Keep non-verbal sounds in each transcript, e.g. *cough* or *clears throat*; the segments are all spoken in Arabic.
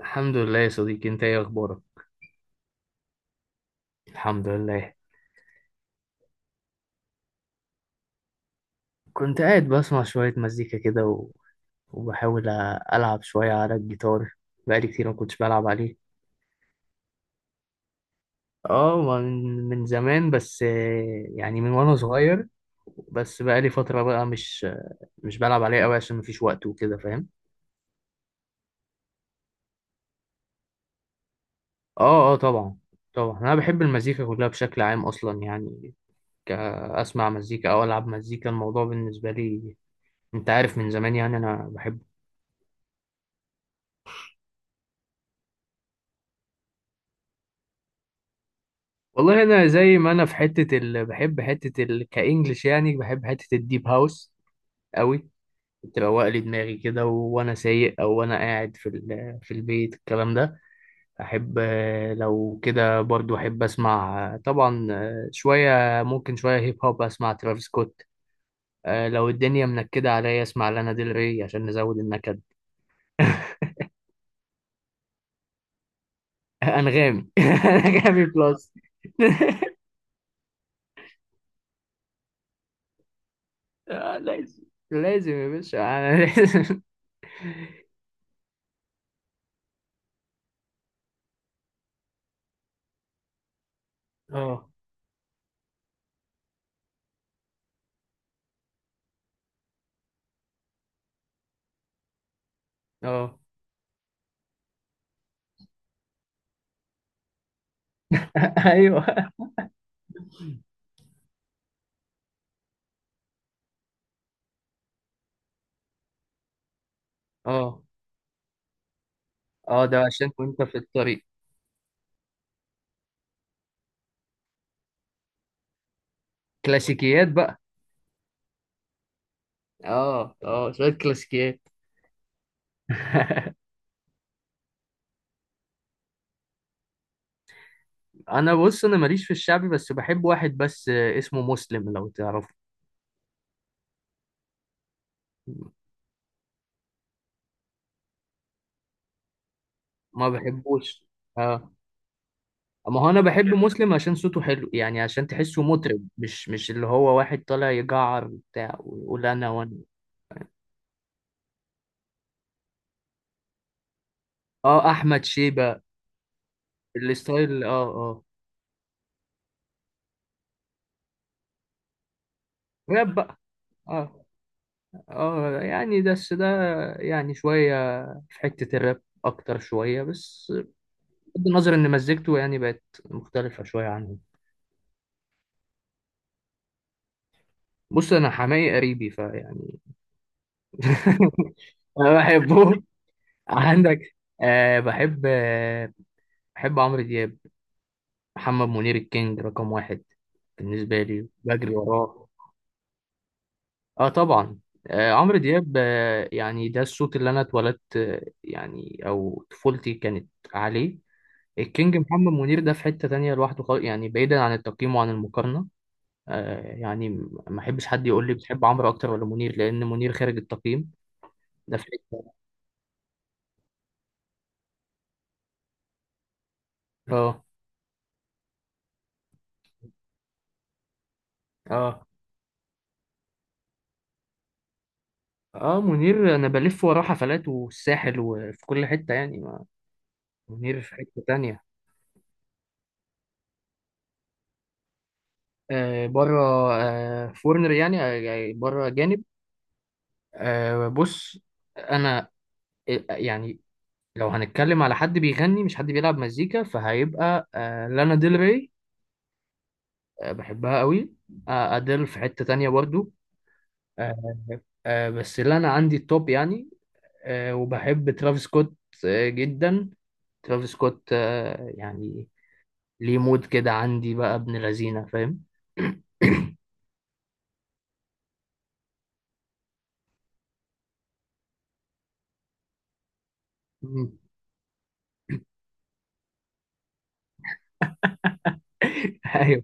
الحمد لله يا صديقي، انت ايه اخبارك؟ الحمد لله. كنت قاعد بسمع شوية مزيكا كده وبحاول ألعب شوية على الجيتار. بقالي كتير ما كنتش بلعب عليه. اه من من زمان، بس يعني من وانا صغير. بس بقالي فترة بقى مش بلعب عليه قوي عشان مفيش وقت وكده، فاهم؟ اه، طبعا. طبعا انا بحب المزيكا كلها بشكل عام اصلا يعني، كأسمع مزيكا او العب مزيكا الموضوع بالنسبة لي، انت عارف من زمان يعني انا بحب. والله انا زي ما انا في بحب كانجلش يعني، بحب حته الديب هاوس قوي. بتبقى لي دماغي كده، وانا سايق او وانا قاعد في البيت الكلام ده احب. لو كده برضو احب اسمع، طبعا، شويه. ممكن شويه هيب هوب اسمع ترافيس سكوت. لو الدنيا منكده عليا اسمع لانا ديل ري عشان نزود النكد. *laughs* انغامي. *laughs* انغامي بلس. *laughs* لازم. لازم يا باشا، *laughs* أنا لازم. اه. اه *laughs* ايوه. اه اه ده عشان كنت في الطريق. كلاسيكيات بقى. اه شوية كلاسيكيات. *laughs* انا بص، انا ماليش في الشعبي بس بحب واحد بس، اسمه مسلم لو تعرفه. ما بحبوش. اه، ما هو انا بحب مسلم عشان صوته حلو يعني، عشان تحسه مطرب، مش اللي هو واحد طالع يجعر بتاع ويقول انا وانا. اه، احمد شيبة الستايل. اه. اه راب بقى. اه اه يعني، بس ده يعني شوية، في حتة الراب أكتر شوية بس. بغض النظر إن مزجته يعني بقت مختلفة شوية عنه. بص، أنا حماقي قريبي فيعني. *laughs* أنا بحبه. عندك. أه بحب عمرو دياب. محمد منير الكينج رقم 1 بالنسبة لي، بجري وراه. اه طبعا. آه عمرو دياب، آه يعني ده الصوت اللي أنا اتولدت يعني، أو طفولتي كانت عليه. الكينج محمد منير ده في حتة تانية لوحده خالص يعني، بعيدا عن التقييم وعن المقارنة. آه يعني، ما احبش حد يقول لي بتحب عمرو اكتر ولا منير، لان منير خارج التقييم. ده في حتة. اه اه اه منير، انا بلف وراه حفلات والساحل وفي كل حتة يعني، ما منير في حتة تانية. آه بره، آه فورنر يعني، آه يعني بره جانب. آه بص، انا، يعني لو هنتكلم على حد بيغني مش حد بيلعب مزيكا فهيبقى آه لانا ديل ري، بحبها قوي. أديل في حتة تانية برضو. آه، بس اللي أنا عندي التوب يعني. وبحب ترافيس سكوت، جدا. ترافيس سكوت يعني ليه مود كده عندي بقى، ابن لذينة فاهم. *laughs* ايوه.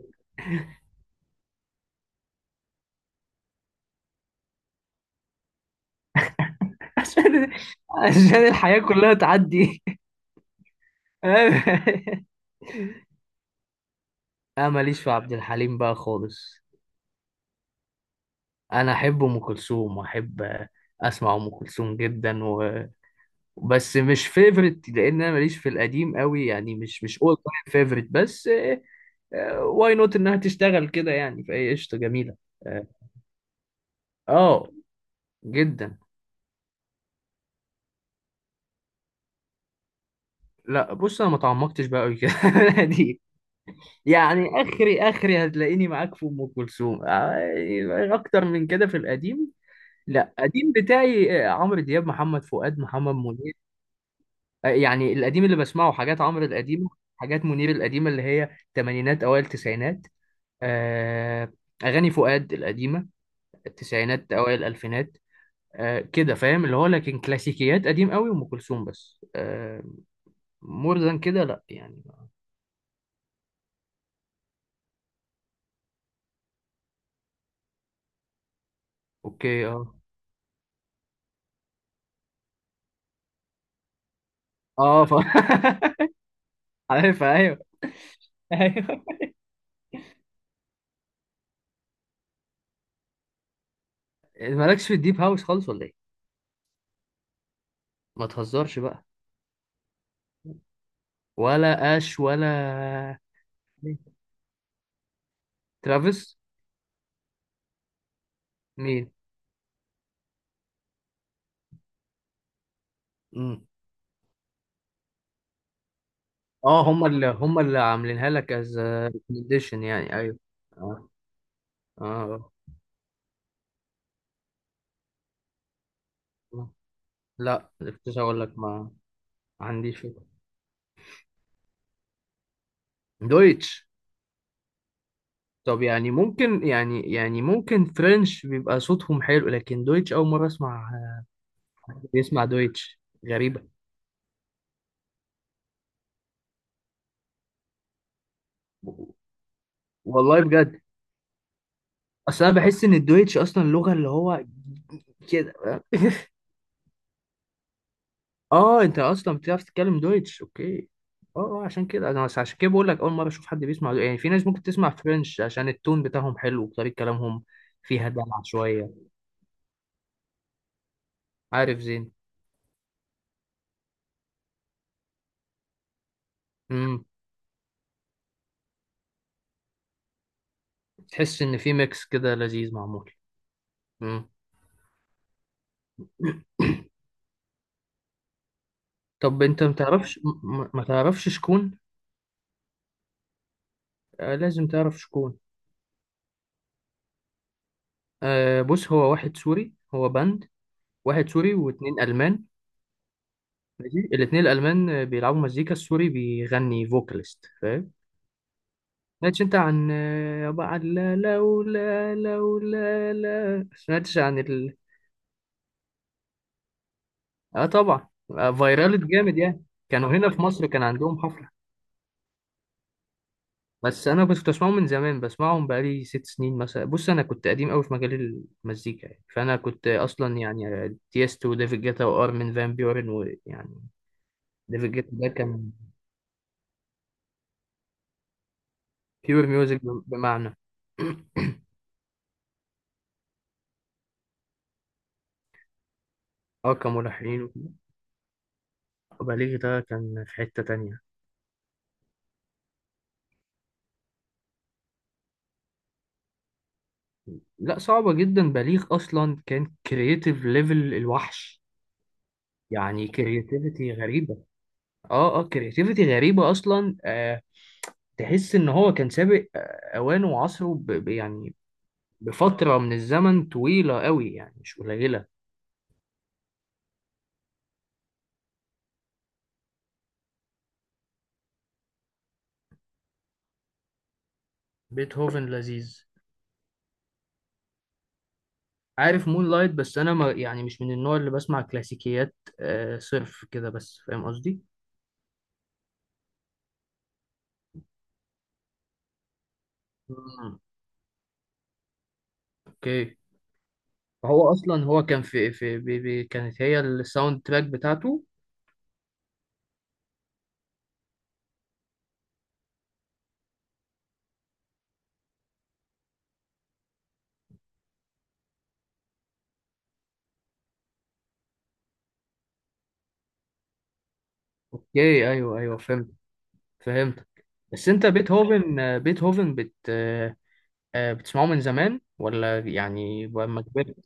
عشان، عشان الحياة كلها تعدي. *laughs* انا ماليش في عبد الحليم بقى خالص. انا احب ام كلثوم، واحب اسمع ام كلثوم جدا، بس مش فيفرت لان انا ماليش في القديم قوي يعني، مش اول تايم فيفرت. بس واي نوت انها تشتغل كده يعني، فهي قشطه جميله. اه، آه، جدا. لا بص، انا ما تعمقتش بقى قوي كده. *laughs* دي يعني، اخري اخري هتلاقيني معاك في ام كلثوم يعني اكتر من كده في القديم. لا قديم بتاعي عمرو دياب، محمد فؤاد، محمد منير. يعني القديم اللي بسمعه حاجات عمرو القديم، حاجات منير القديمه اللي هي تمانينات اوائل تسعينات، آه، اغاني فؤاد القديمه التسعينات اوائل الالفينات. كده فاهم، اللي هو لكن كلاسيكيات قديم قوي وام كلثوم بس. مور ذان كده لا يعني. اوكي اه. اه ف... *laughs* عارف، ايوه ايوه. مالكش في الديب هاوس خالص ولا ايه؟ ما تهزرش بقى. ولا اش ولا ترافيس. مين؟ مم. اه، هم اللي عاملينها لك از ريكومنديشن يعني. ايوه. اه اه. آه. لا كنت اقول لك ما عنديش. دويتش. طب يعني ممكن، يعني ممكن فرنش بيبقى صوتهم حلو، لكن دويتش أول مرة أسمع. بيسمع دويتش، غريبة. والله بجد، أصل أنا بحس إن الدويتش أصلا لغة اللي هو كده. *laughs* اه، انت اصلا بتعرف تتكلم دويتش، اوكي. اه، عشان كده انا بس عشان كده بقول لك اول مره اشوف حد بيسمع يعني، في ناس ممكن تسمع فرنش عشان التون بتاعهم حلو وطريقه كلامهم فيها دلع شويه. عارف زين. امم. تحس ان في ميكس كده لذيذ معمول. مم. طب انت ما تعرفش، ما تعرفش شكون. آه لازم تعرف شكون. آه بص، هو واحد سوري، هو باند، واحد سوري واتنين ألمان. ماشي، الاتنين الألمان بيلعبوا مزيكا، السوري بيغني فوكاليست فاهم. سمعتش انت عن عن لا لولا لولا لا سمعتش عن اه طبعا. آه فايرالت جامد يعني. كانوا هنا في مصر كان عندهم حفلة. بس انا كنت بسمعهم من زمان، بسمعهم بقالي 6 سنين مثلا. بص انا كنت قديم قوي في مجال المزيكا يعني. فانا كنت اصلا يعني تieستو وديفيد جيتا وارمين فان بيورن ويعني. ديفيد جيتا ده كان بيور ميوزك بمعنى. *clears throat* اه كملحنين وكده. بليغ ده كان في حتة تانية. لا صعبة جدا، بليغ اصلا كان كرييتيف ليفل الوحش، يعني كرياتيفيتي غريبة. اه كرياتيفيتي غريبة اصلا، آه. تحس ان هو كان سابق اوانه وعصره، يعني بفترة من الزمن طويلة قوي يعني، مش قليلة. بيتهوفن لذيذ. عارف مون لايت، بس أنا ما يعني مش من النوع اللي بسمع كلاسيكيات آه صرف كده، بس فاهم قصدي؟ مم. أوكي. هو أصلا هو كان في بي بي كانت هي الساوند تراك بتاعته. أوكي، أيوه أيوه، فهمت. فهمت. بس أنت بيتهوفن آه، بيتهوفن بت آه، بتسمعه من زمان ولا يعني لما كبرت؟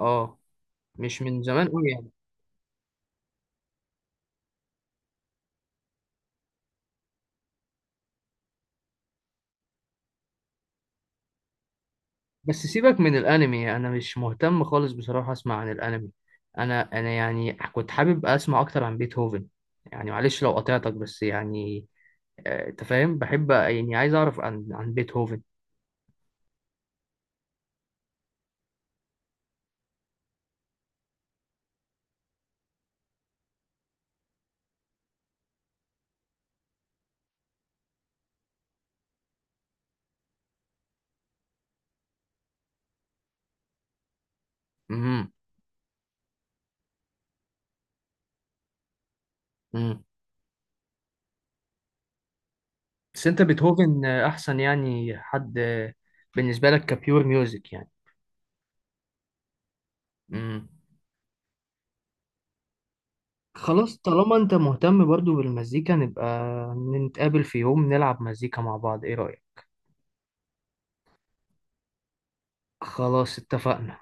أه، مش من زمان أوي يعني. بس سيبك من الانمي، انا مش مهتم خالص بصراحة اسمع عن الانمي. انا يعني كنت حابب اسمع اكتر عن بيتهوفن يعني، معلش لو قطعتك بس يعني. انت فاهم بحب، يعني عايز اعرف عن بيتهوفن. امم. امم. بس انت بيتهوفن احسن يعني حد بالنسبة لك كبيور ميوزك يعني. امم. خلاص طالما انت مهتم برضو بالمزيكا، نبقى نتقابل في يوم نلعب مزيكا مع بعض، ايه رأيك؟ خلاص اتفقنا.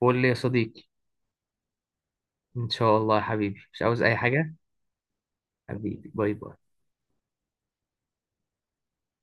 قول لي يا صديقي. ان شاء الله يا حبيبي، مش عاوز اي حاجة. حبيبي باي باي.